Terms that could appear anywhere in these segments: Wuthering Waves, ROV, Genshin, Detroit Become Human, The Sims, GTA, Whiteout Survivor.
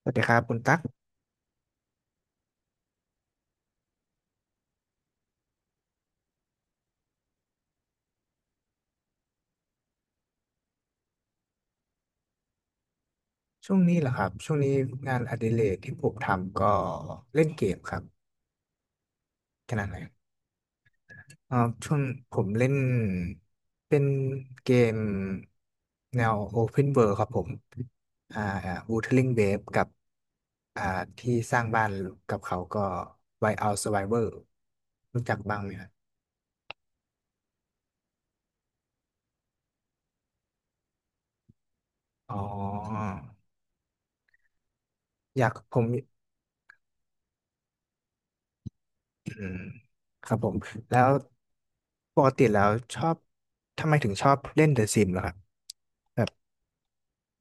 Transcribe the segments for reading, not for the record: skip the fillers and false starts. สวัสดีครับคุณตั๊กช่วงนี้เหรอครับช่วงนี้งานอดิเรกที่ผมทำก็เล่นเกมครับขนาดไหนเอ่อช่วงผมเล่นเป็นเกมแนว Open World ครับผมอ่า Wuthering Waves กับอ่าที่สร้างบ้านกับเขาก็ Whiteout Survivor รู้จักบ้างไหมครับอ๋ออยากผม อืมครับผมแล้วปกติแล้วชอบทำไมถึงชอบเล่นเดอะซิมเหรอครับ แบบ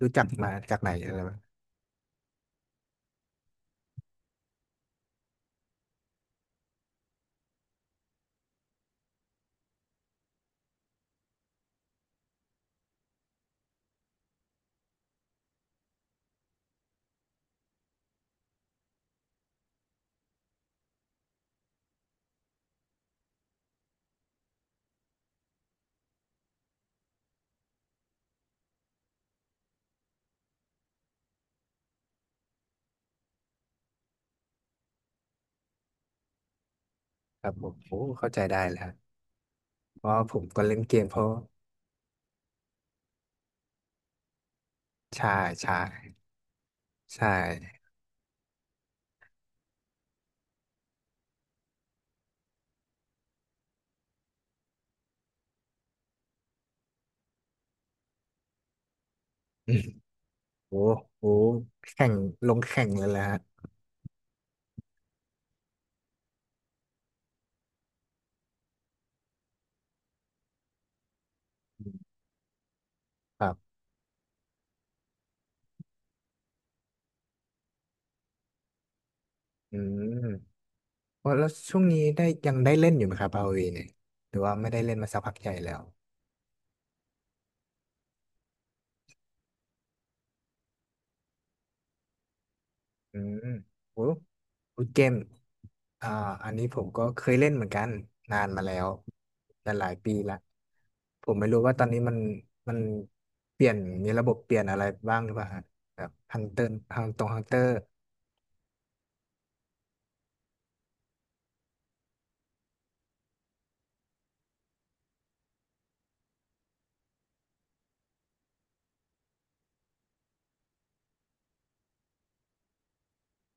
รู้จักมาจากไหนอะไรแบบครับผมโอ้เข้าใจได้แล้วเพราะผมก็เล่นเกมเพราะใช่ใช่ใช่ อืมโอ้โหแข่งลงแข่งเลยแหละฮะอืมครับอืมว่าแล้วช่วงนี้ได้ยังได้เล่นอยู่ไหมครับพาเวเนี่ยหรือว่าไม่ได้เล่นมาสักพักใหญ่แล้ว อืมโอ้วูดเกมอ่าอันนี้ผมก็เคยเล่นเหมือนกันนานมาแล้วแต่หลายปีละผมไม่รู้ว่าตอนนี้มันมันเปลี่ยน มีระบบเปลี่ยนอะไรบ้างหรือเปล่าฮะแบบฮันเตอร์ทางตรงฮันเตอร์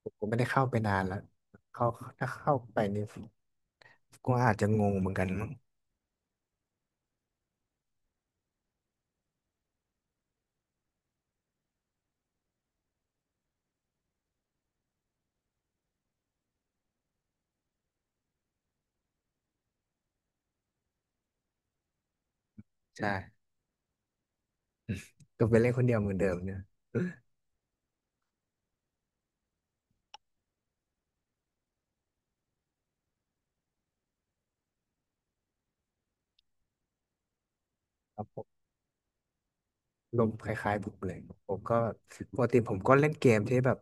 ผมก็ไม่ได้เข้าไปนานแล้วเข้าถ้าเข้าไปนี่ก็อาจจะงงเหมือนกันมั้งใช่ก็ไปเล่นคนเดียวเหมือนเดิมเนี่ย ครับผม ลมณ์คล้ายๆผมเลยผมก็ปกติผมก็เล่นเกมที่แบบ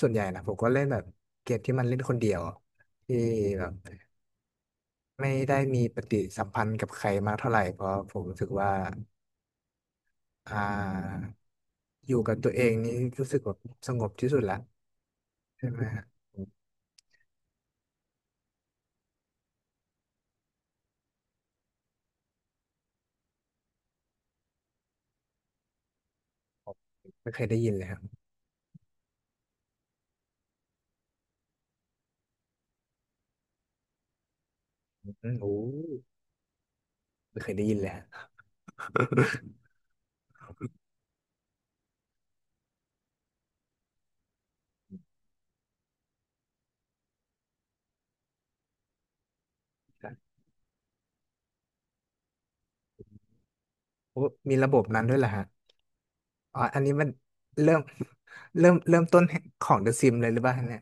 ส่วนใหญ่นะผมก็เล่นแบบเกมที่มันเล่นคนเดียวที่แบบไม่ได้มีปฏิสัมพันธ์กับใครมากเท่าไหร่เพราะผมรู้สึกว่าอ่าอยู่กับตัวเองนี่รู้สึกแบบสงบที่สุดละใช่ไหมฮะผมผมไม่เคยได้ยินเลยครับอืมโอ้ไม่เคยได้ยินเลยฮะโอ้มีระบบนั้นด้วยเหรอฮะอ๋ออันนี้มันเริ่มเริ่มต้นของ The Sims เลยหรือเปล่าเนี่ย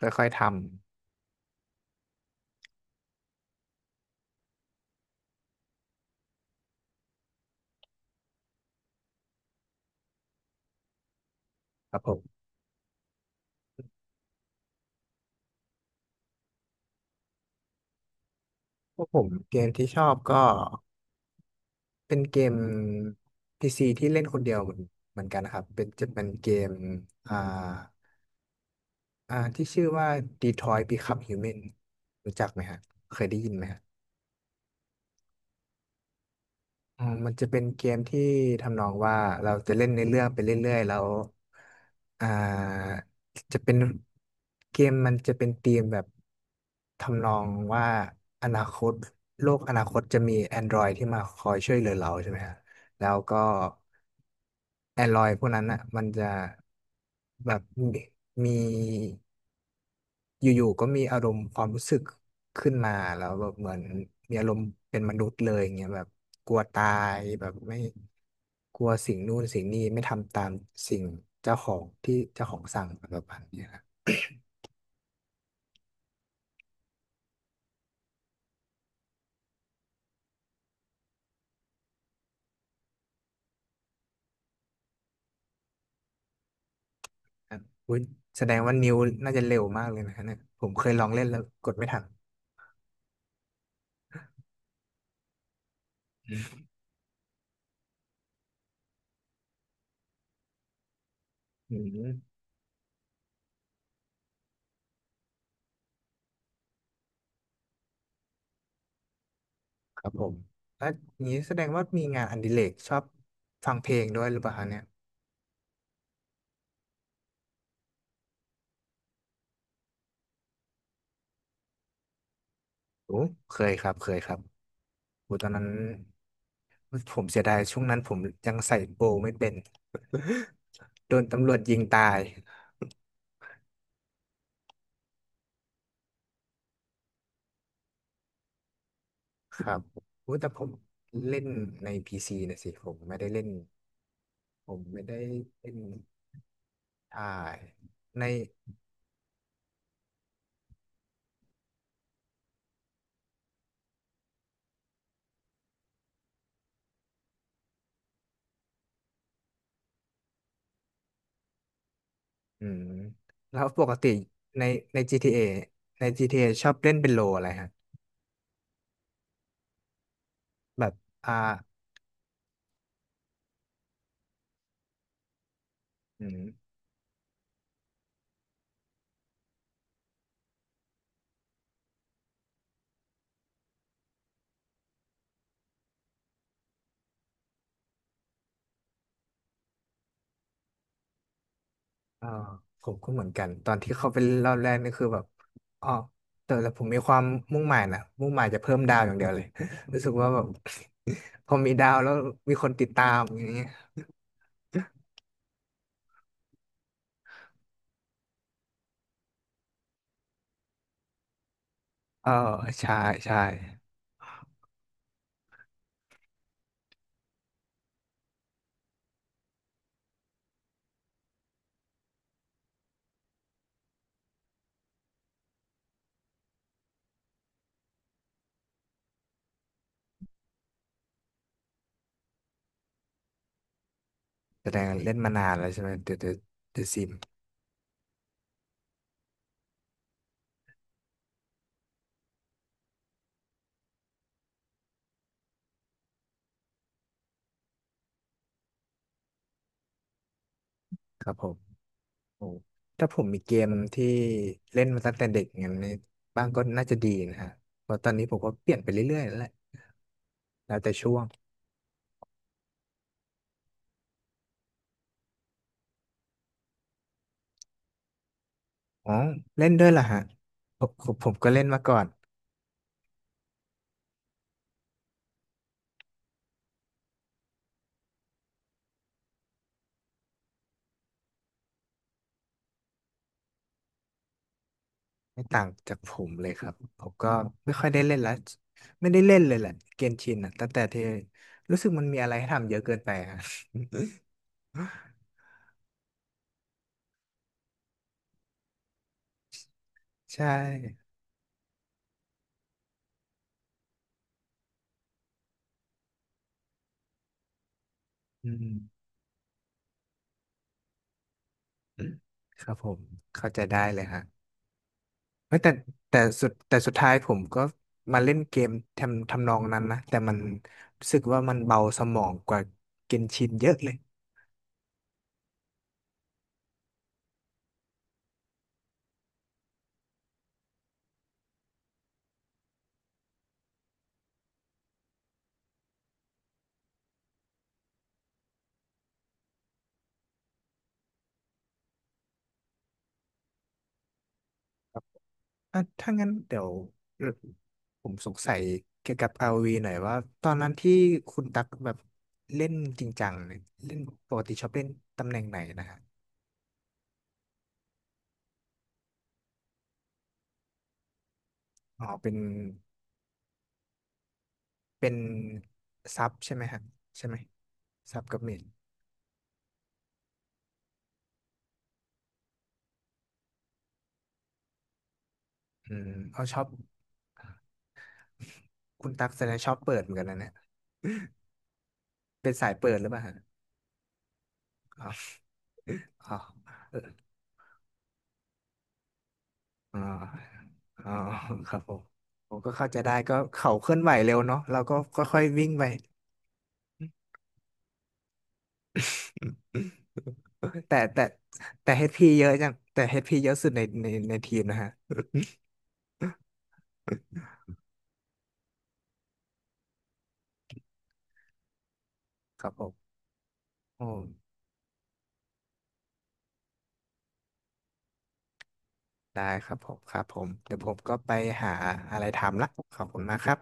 ค่อยๆทำครับผม พวกผมเกมที่ชอบก็เป็นเกม PC ที่เล่นคนเดียวเหมือนเหมือนกันนะครับเป็นจะเป็นเกมอ่าอ่าที่ชื่อว่า Detroit Become Human รู้จักไหมฮะเคยได้ยินไหม อ๋อมันจะเป็นเกมที่ทำนองว่าเราจะเล่นในเรื่องไปเรื่อยๆแล้วอ่าจะเป็นเกมมันจะเป็นธีมแบบทำนองว่าอนาคตโลกอนาคตจะมี Android ที่มาคอยช่วยเหลือเราใช่ไหมฮะแล้วก็ Android พวกนั้นอ่ะมันจะแบบมี อยู่ๆก็มีอารมณ์ความรู้สึกขึ้นมาแล้วแบบเหมือนมีอารมณ์เป็นมนุษย์เลยอย่างเงี้ยแบบกลัวตายแบบไม่กลัวสิ่งนู่นสิ่งนี้ไม่ทำตามสิ่งเจ้าของที่เจ้าของสั่งอะไรประมาณเนี้ยนะครับอุ๊ยแสดงว่านิ้วน่าจะเร็วมากเลยนะเนี่ยผมเคยลองเล่นแล้วกดไม่ทันอืมครับผมแล้วอย่างนี้แสดงว่ามีงานอดิเรกชอบฟังเพลงด้วยหรือเปล่าคะเนี่ยโอ้เคยครับเคยครับโอ้ตอนนั้น ผมเสียดายช่วงนั้นผมยังใส่โบว์ไม่เป็น โดนตำรวจยิงตายครับโอ้แต่ผมเล่นในพีซีนะสิผมไม่ได้เล่นผมไม่ได้เล่นอ่าในอืมแล้วปกติในGTA ในจีทีเอชอบเล่นเป็นโลอะไรฮะแบบอ่าอืมอ่าผมก็เหมือนกันตอนที่เข้าไปเล่นรอบแรกนี่คือแบบอ๋อแต่แต่ผมมีความมุ่งหมายนะมุ่งหมายจะเพิ่มดาวอย่างเดียวเลย รู้สึกว่าแบบ พอมีดาวแล้วมีคนติดตามอย่างเงี้ยเออใช่ใช่แสดงเล่นมานานแล้วใช่ไหมเดอะซิมครับผมโอ้ถ้าผมมีเกมที่เล่นมาตั้งแต่เด็กอย่างนี้บ้างก็น่าจะดีนะฮะเพราะตอนนี้ผมก็เปลี่ยนไปเรื่อยๆแล้วแหละแล้วแต่ช่วงอ๋อเล่นด้วยเหรอฮะผมก็เล่นมาก่อนไม่ต่างจากผมเลยครับผมก็ไม่ค่อยได้เล่นแล้วไม่ได้เล่นเลยแหละเกนชินอ่ะตั้งแต่ที่รู้สึกมันมีอะไรให้ทำเยอะเกินไปฮะ ใช่อืม อืมครับผมเข้าใจได้เลยฮะเฮ้ยแต่แต่สุดท้ายผมก็มาเล่นเกมทำนองนั้นนะแต่มันรู้สึกว่ามันเบาสมองกว่าเกนชินเยอะเลยครับอ่ะถ้างั้นเดี๋ยวผมสงสัยเกี่ยวกับ ROV หน่อยว่าตอนนั้นที่คุณตักแบบเล่นจริงจังเนี่ยเล่นปกติชอบเล่นตำแหน่งไหนนะฮะอ๋อเป็นเป็นซับใช่ไหมฮะใช่ไหมซับกับเมจอืมเอาชอบ คุณตั๊กแสดงชอบเปิดเหมือนกันนะเนี่ย เป็นสายเปิดหรือเปล่าฮะอ๋ออ๋อเอออ๋ออ๋อครับผมผมก็เข้าใจได้ก็เขาเคลื่อนไหวเร็วเนาะเราก็ค่อยๆวิ่งไป แต่แต่แต่เฮดพีเยอะจังแต่เฮดพีเยอะสุดในในทีมนะฮะ ครับผมโอ้ได้ครับผมครับผมเดี๋ยวผมก็ไปหาอะไรทำละขอบคุณมากครับ